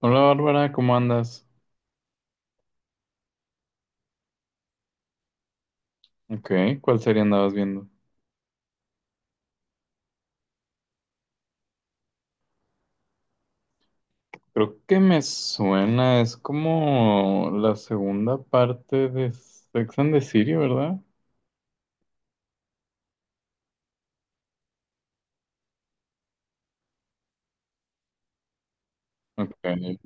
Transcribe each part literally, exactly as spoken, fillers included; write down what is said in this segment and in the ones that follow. Hola Bárbara, ¿cómo andas? Ok, ¿cuál serie andabas viendo? Creo que me suena, es como la segunda parte de Sex and the City, ¿verdad? Ok,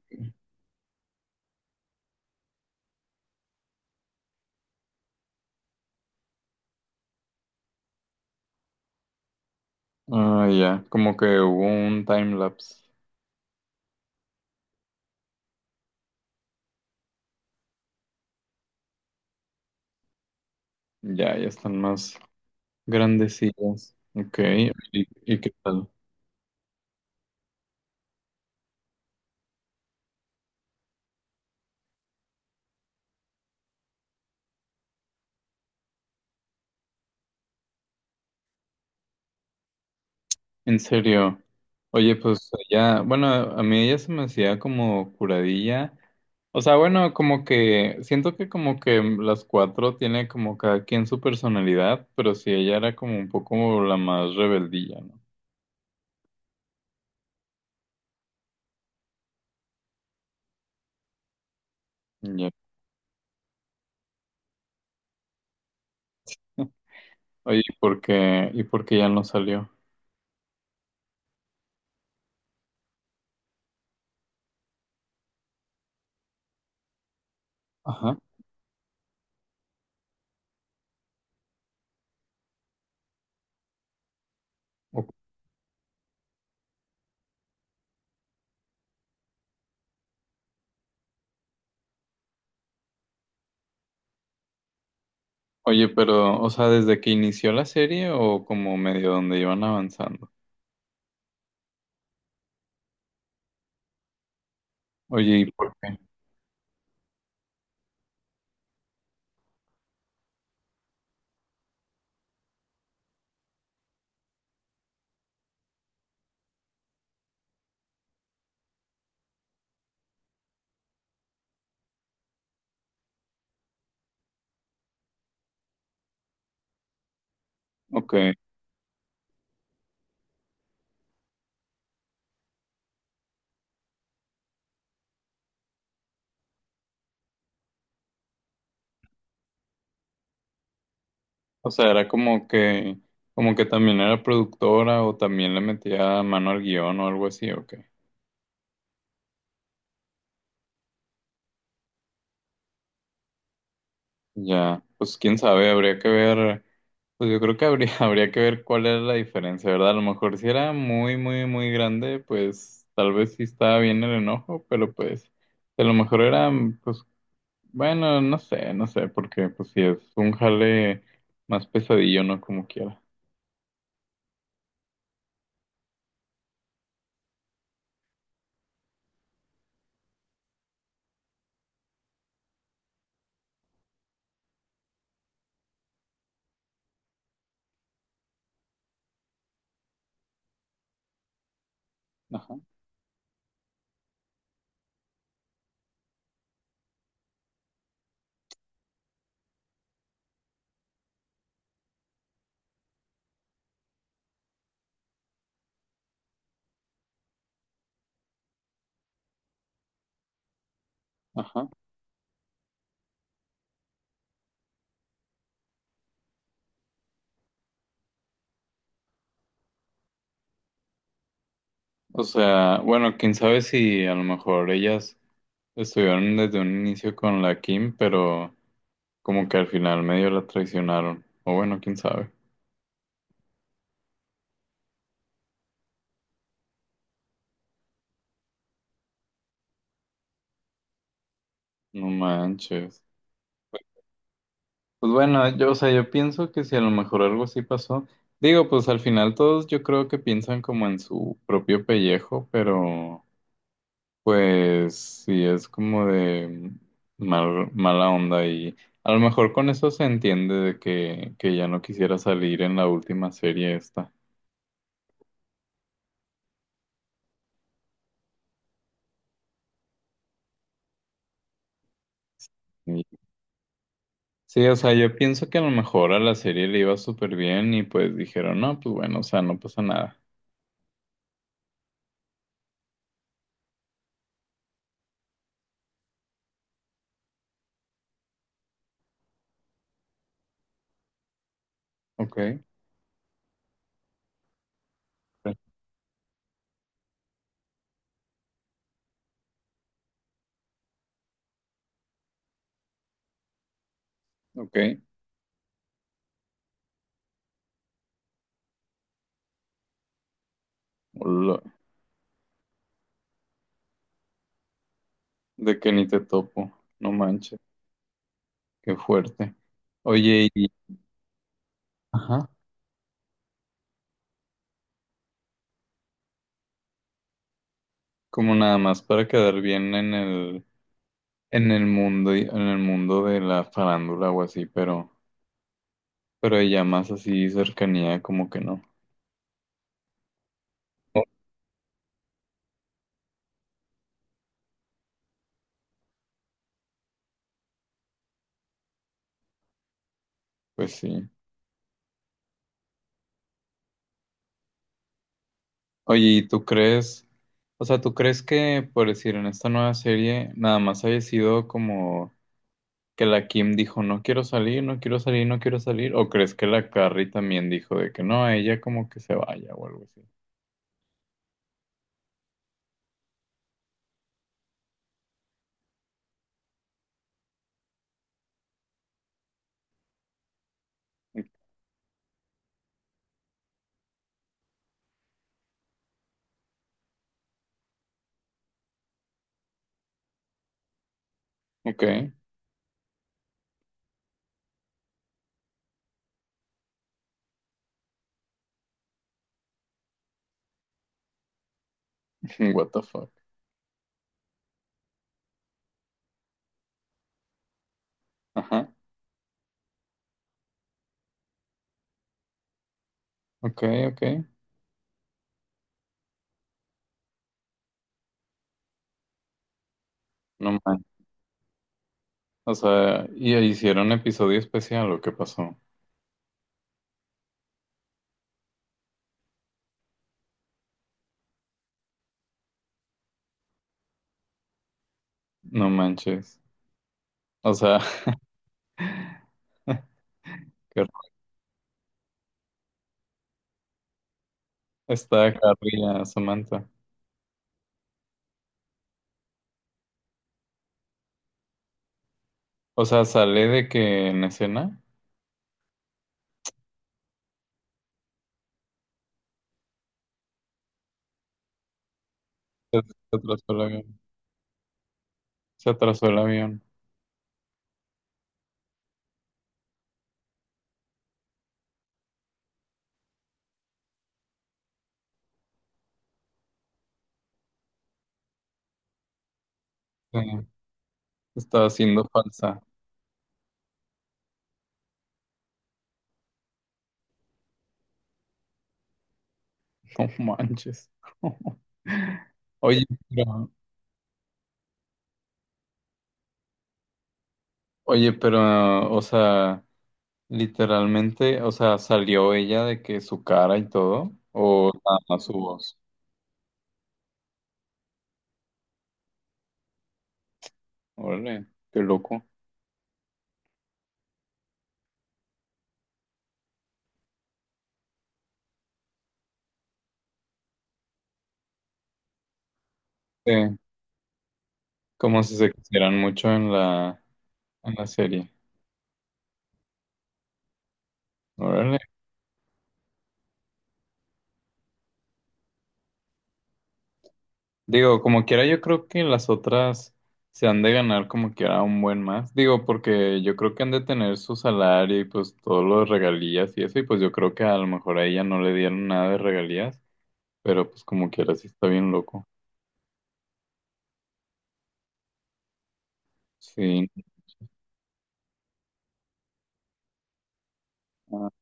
ah, ya, como que hubo un time lapse. Ya, ya están más grandecillas. Ok, ¿y, y qué tal? En serio. Oye, pues ya, bueno, a mí ella se me hacía como curadilla. O sea, bueno, como que siento que como que las cuatro tiene como cada quien su personalidad, pero sí ella era como un poco la más rebeldilla, ¿no? Ya. Oye, ¿y por qué, y por qué ya no salió? Ajá. O- Oye, pero, o sea, ¿desde que inició la serie o como medio donde iban avanzando? Oye, ¿y por qué? Ok. O sea, era como que, como que también era productora o también le metía mano al guión o algo así, ok. Ya, pues quién sabe, habría que ver, pues yo creo que habría, habría que ver cuál era la diferencia, ¿verdad? A lo mejor si era muy, muy, muy grande, pues tal vez sí estaba bien el enojo, pero pues a lo mejor era, pues bueno, no sé, no sé, porque pues sí es un jale más pesadillo, ¿no? Como quiera. Ajá, ajá. O sea, bueno, quién sabe si a lo mejor ellas estuvieron desde un inicio con la Kim, pero como que al final medio la traicionaron, o bueno, quién sabe. No manches. Pues bueno, yo, o sea, yo pienso que si a lo mejor algo así pasó, digo, pues al final todos yo creo que piensan como en su propio pellejo, pero pues sí es como de mal- mala onda y a lo mejor con eso se entiende de que, que ya no quisiera salir en la última serie esta. Y- Sí, o sea, yo pienso que a lo mejor a la serie le iba súper bien y pues dijeron, no, pues bueno, o sea, no pasa nada. Ok, ok, hola. De que ni te topo, no manches, qué fuerte. Oye, y ajá, como nada más para quedar bien en el, en el mundo, y- en el mundo de la farándula o así, pero, pero ya más así cercanía, como que no. Pues sí. Oye, ¿y tú crees, o sea, tú crees que, por decir, en esta nueva serie, nada más haya sido como que la Kim dijo, no quiero salir, no quiero salir, no quiero salir, o crees que la Carrie también dijo de que no, ella como que se vaya o algo así? Ok. What the fuck. Ajá. Ok, ok. No manches. O sea, y hicieron episodio especial o qué pasó. No manches. O sea, qué raro. Está carrilla, Samantha. O sea, sale de que en escena se atrasó el avión. Se atrasó el avión. Sí, estaba siendo falsa. No manches. Oye, pero, oye, pero, o sea, literalmente, o sea, salió ella de que su cara y todo, o nada más su voz. Órale, qué loco. Sí, como si se quisieran mucho en la, en la serie. Órale. Digo, como quiera, yo creo que las otras se han de ganar como quiera un buen más. Digo, porque yo creo que han de tener su salario y pues todos los regalías y eso. Y pues yo creo que a lo mejor a ella no le dieron nada de regalías, pero pues como quiera, sí está bien loco. Sí. Ah,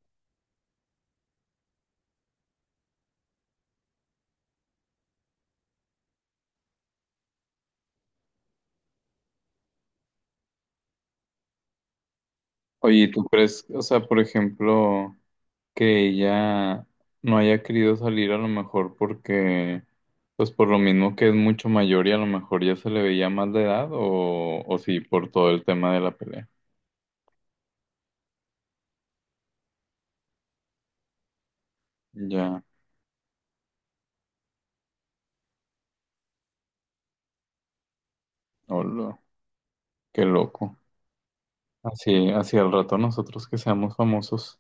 oye, ¿y ¿tú crees, o sea, por ejemplo. Que ella no haya querido salir a lo mejor porque, pues por lo mismo que es mucho mayor y a lo mejor ya se le veía más de edad o, o sí, por todo el tema de la pelea. Ya, hola, qué loco. Así, así al rato nosotros que seamos famosos.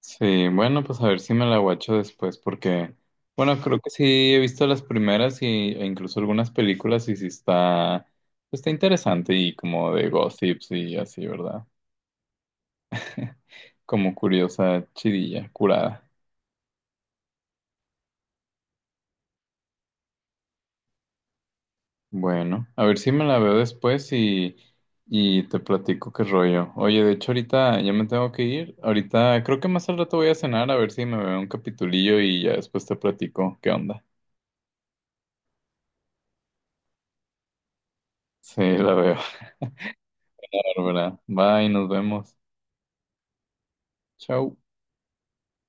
Sí, bueno, pues a ver si me la guacho después porque, bueno, creo que sí he visto las primeras y, e incluso algunas películas y sí está, pues, está interesante y como de gossips y así, ¿verdad? Como curiosa chidilla, curada. Bueno, a ver si me la veo después y, y te platico qué rollo. Oye, de hecho ahorita ya me tengo que ir. Ahorita creo que más al rato voy a cenar a ver si me veo un capitulillo y ya después te platico qué onda. Sí, la veo. Bárbara. Bye, nos vemos. Chau.